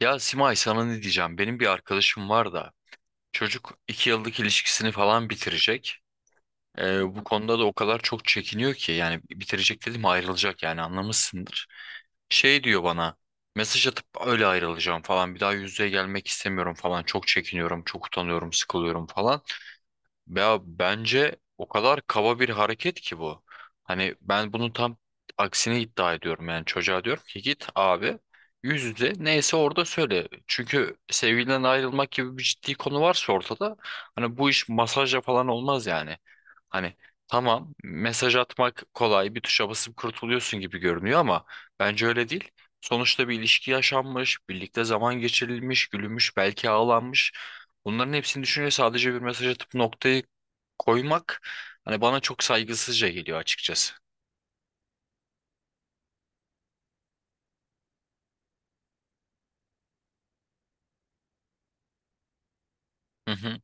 Ya Simay sana ne diyeceğim? Benim bir arkadaşım var da çocuk iki yıllık ilişkisini falan bitirecek. Bu konuda da o kadar çok çekiniyor ki yani bitirecek dedim ayrılacak yani anlamışsındır. Şey diyor bana, mesaj atıp öyle ayrılacağım falan, bir daha yüz yüze gelmek istemiyorum falan, çok çekiniyorum, çok utanıyorum, sıkılıyorum falan. Ya bence o kadar kaba bir hareket ki bu. Hani ben bunun tam aksini iddia ediyorum. Yani çocuğa diyorum ki git abi, yüz yüze neyse orada söyle. Çünkü sevgiliden ayrılmak gibi bir ciddi konu varsa ortada, hani bu iş masajla falan olmaz yani. Hani tamam, mesaj atmak kolay, bir tuşa basıp kurtuluyorsun gibi görünüyor ama bence öyle değil. Sonuçta bir ilişki yaşanmış, birlikte zaman geçirilmiş, gülünmüş, belki ağlanmış. Bunların hepsini düşünce sadece bir mesaj atıp noktayı koymak, hani bana çok saygısızca geliyor açıkçası. Hı hı.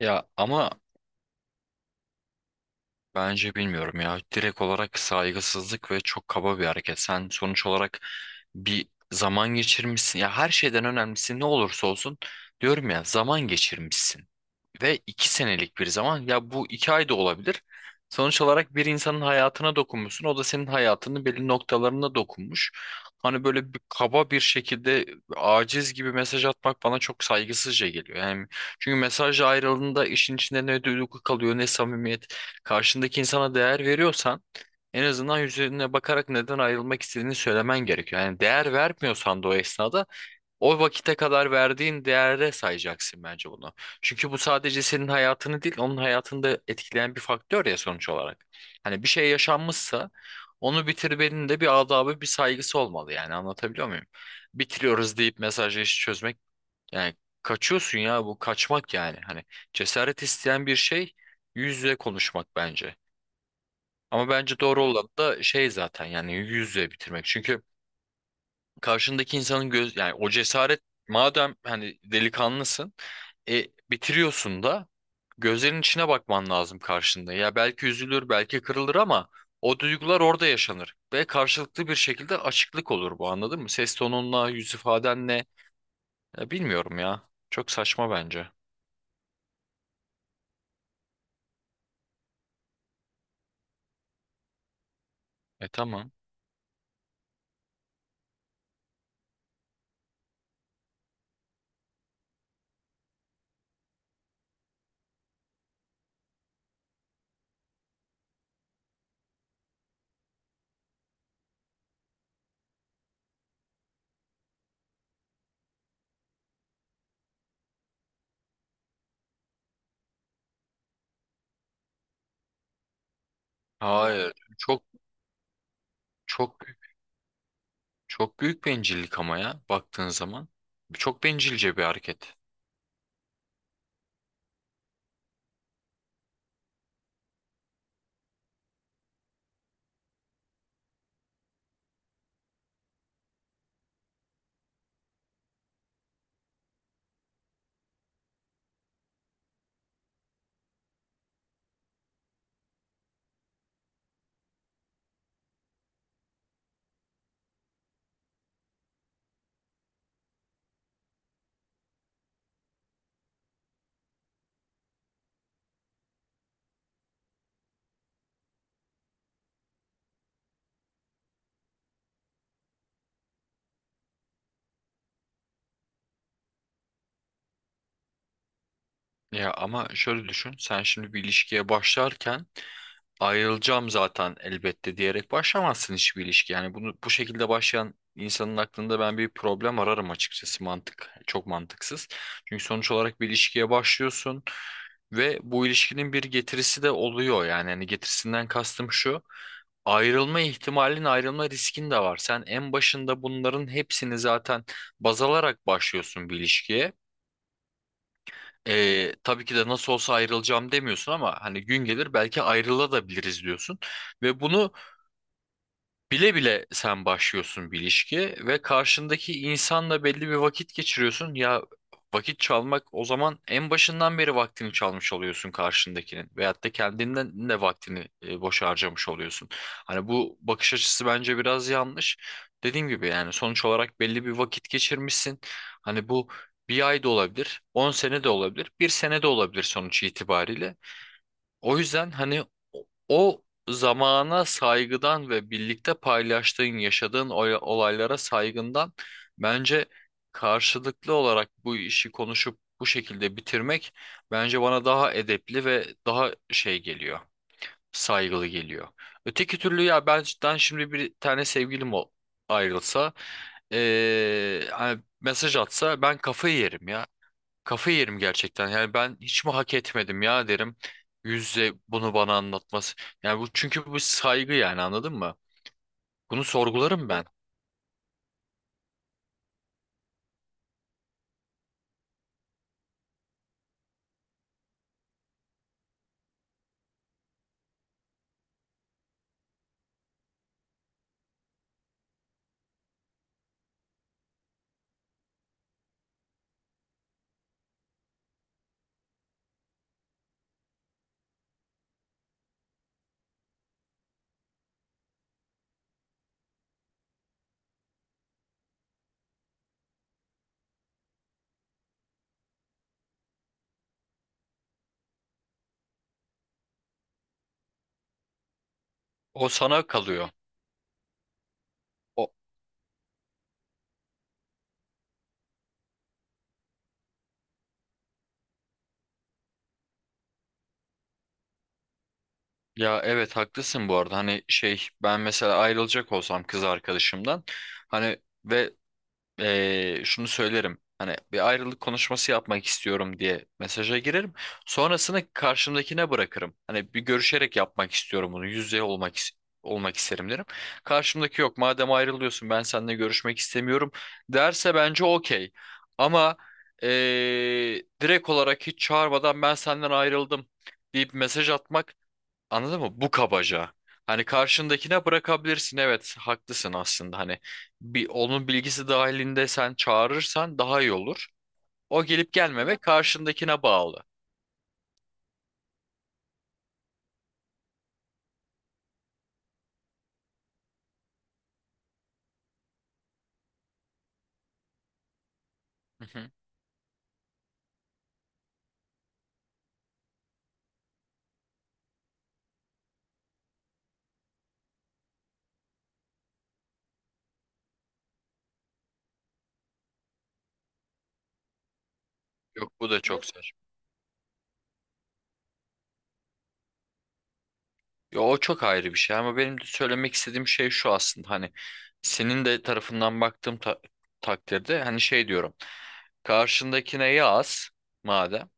Ya ama bence bilmiyorum ya, direkt olarak saygısızlık ve çok kaba bir hareket. Sen sonuç olarak bir zaman geçirmişsin. Ya her şeyden önemlisi, ne olursa olsun diyorum ya, zaman geçirmişsin ve iki senelik bir zaman, ya bu iki ay da olabilir. Sonuç olarak bir insanın hayatına dokunmuşsun. O da senin hayatının belli noktalarına dokunmuş. Hani böyle bir kaba bir şekilde aciz gibi mesaj atmak bana çok saygısızca geliyor. Yani çünkü mesaj ayrılığında işin içinde ne duygu kalıyor ne samimiyet. Karşındaki insana değer veriyorsan en azından yüzüne bakarak neden ayrılmak istediğini söylemen gerekiyor. Yani değer vermiyorsan da o esnada o vakite kadar verdiğin değere sayacaksın bence bunu. Çünkü bu sadece senin hayatını değil, onun hayatını da etkileyen bir faktör ya sonuç olarak. Hani bir şey yaşanmışsa onu bitirmenin de bir adabı, bir saygısı olmalı, yani anlatabiliyor muyum? Bitiriyoruz deyip mesajla işi çözmek, yani kaçıyorsun ya, bu kaçmak yani. Hani cesaret isteyen bir şey yüz yüze konuşmak bence. Ama bence doğru olan da şey zaten, yani yüz yüze bitirmek. Çünkü karşındaki insanın göz, yani o cesaret, madem hani delikanlısın, e, bitiriyorsun da gözlerin içine bakman lazım karşında. Ya belki üzülür, belki kırılır ama o duygular orada yaşanır ve karşılıklı bir şekilde açıklık olur bu, anladın mı? Ses tonunla, yüz ifadenle. Ya bilmiyorum ya. Çok saçma bence. E tamam. Hayır. Çok çok çok büyük bencillik ama ya baktığın zaman. Çok bencilce bir hareket. Ya ama şöyle düşün. Sen şimdi bir ilişkiye başlarken ayrılacağım zaten elbette diyerek başlamazsın hiçbir ilişki. Yani bunu bu şekilde başlayan insanın aklında ben bir problem ararım açıkçası. Mantık çok mantıksız. Çünkü sonuç olarak bir ilişkiye başlıyorsun ve bu ilişkinin bir getirisi de oluyor. Yani hani getirisinden kastım şu. Ayrılma ihtimalin, ayrılma riskin de var. Sen en başında bunların hepsini zaten baz alarak başlıyorsun bir ilişkiye. Tabii ki de nasıl olsa ayrılacağım demiyorsun ama hani gün gelir belki ayrılabiliriz diyorsun. Ve bunu, bile bile sen başlıyorsun bir ilişki ve karşındaki insanla belli bir vakit geçiriyorsun. Ya vakit çalmak, o zaman en başından beri vaktini çalmış oluyorsun karşındakinin veyahut da kendinden de vaktini boş harcamış oluyorsun. Hani bu bakış açısı bence biraz yanlış. Dediğim gibi yani sonuç olarak belli bir vakit geçirmişsin. Hani bu bir ay da olabilir, 10 sene de olabilir, bir sene de olabilir sonuç itibariyle. O yüzden hani o zamana saygıdan ve birlikte paylaştığın, yaşadığın olaylara saygından bence karşılıklı olarak bu işi konuşup bu şekilde bitirmek, bence bana daha edepli ve daha şey geliyor, saygılı geliyor. Öteki türlü ya benden şimdi bir tane sevgilim ayrılsa, hani mesaj atsa ben kafayı yerim ya. Kafayı yerim gerçekten. Yani ben hiç mi hak etmedim ya derim. Yüzle bunu bana anlatması. Yani bu, çünkü bu saygı, yani anladın mı? Bunu sorgularım ben. O sana kalıyor. O ya evet haklısın bu arada. Hani şey, ben mesela ayrılacak olsam kız arkadaşımdan, hani ve şunu söylerim. Hani bir ayrılık konuşması yapmak istiyorum diye mesaja girerim. Sonrasını karşımdakine bırakırım. Hani bir görüşerek yapmak istiyorum bunu. Yüz yüze olmak isterim derim. Karşımdaki yok, madem ayrılıyorsun ben seninle görüşmek istemiyorum derse bence okey. Ama direkt olarak hiç çağırmadan ben senden ayrıldım deyip mesaj atmak, anladın mı? Bu kabaca. Hani karşındakine bırakabilirsin. Evet, haklısın aslında. Hani bir, onun bilgisi dahilinde sen çağırırsan daha iyi olur. O gelip gelmeme karşındakine bağlı. Hı hı. Yok bu da çok. Yok, saçma. Yo, o çok ayrı bir şey ama benim de söylemek istediğim şey şu aslında, hani senin de tarafından baktığım takdirde hani şey diyorum. Karşındakine yaz madem.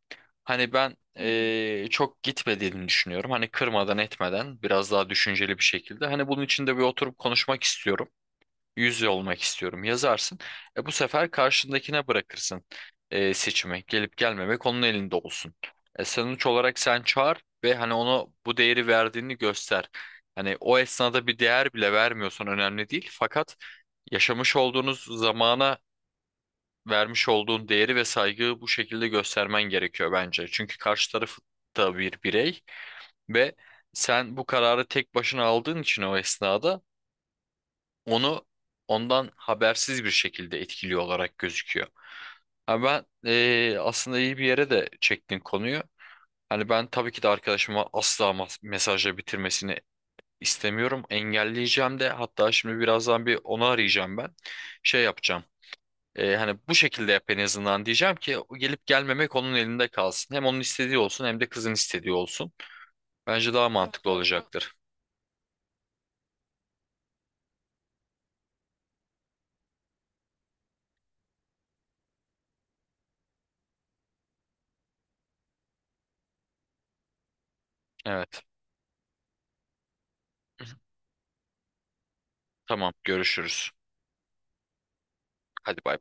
Hani ben çok gitmediğini düşünüyorum. Hani kırmadan etmeden biraz daha düşünceli bir şekilde. Hani bunun için de bir oturup konuşmak istiyorum. Yüz yüze olmak istiyorum. Yazarsın. E, bu sefer karşındakine bırakırsın seçimi. Gelip gelmemek onun elinde olsun. E, sonuç olarak sen çağır ve hani ona bu değeri verdiğini göster. Hani o esnada bir değer bile vermiyorsan önemli değil. Fakat yaşamış olduğunuz zamana vermiş olduğun değeri ve saygıyı bu şekilde göstermen gerekiyor bence. Çünkü karşı taraf da bir birey ve sen bu kararı tek başına aldığın için o esnada onu, ondan habersiz bir şekilde etkili olarak gözüküyor. Ha ben aslında iyi bir yere de çektin konuyu. Hani ben tabii ki de arkadaşıma asla mesajla bitirmesini istemiyorum. Engelleyeceğim de, hatta şimdi birazdan bir onu arayacağım ben. Şey yapacağım. Hani bu şekilde yap en azından diyeceğim ki o gelip gelmemek onun elinde kalsın. Hem onun istediği olsun hem de kızın istediği olsun. Bence daha mantıklı olacaktır. Evet. Tamam, görüşürüz. Hadi bay.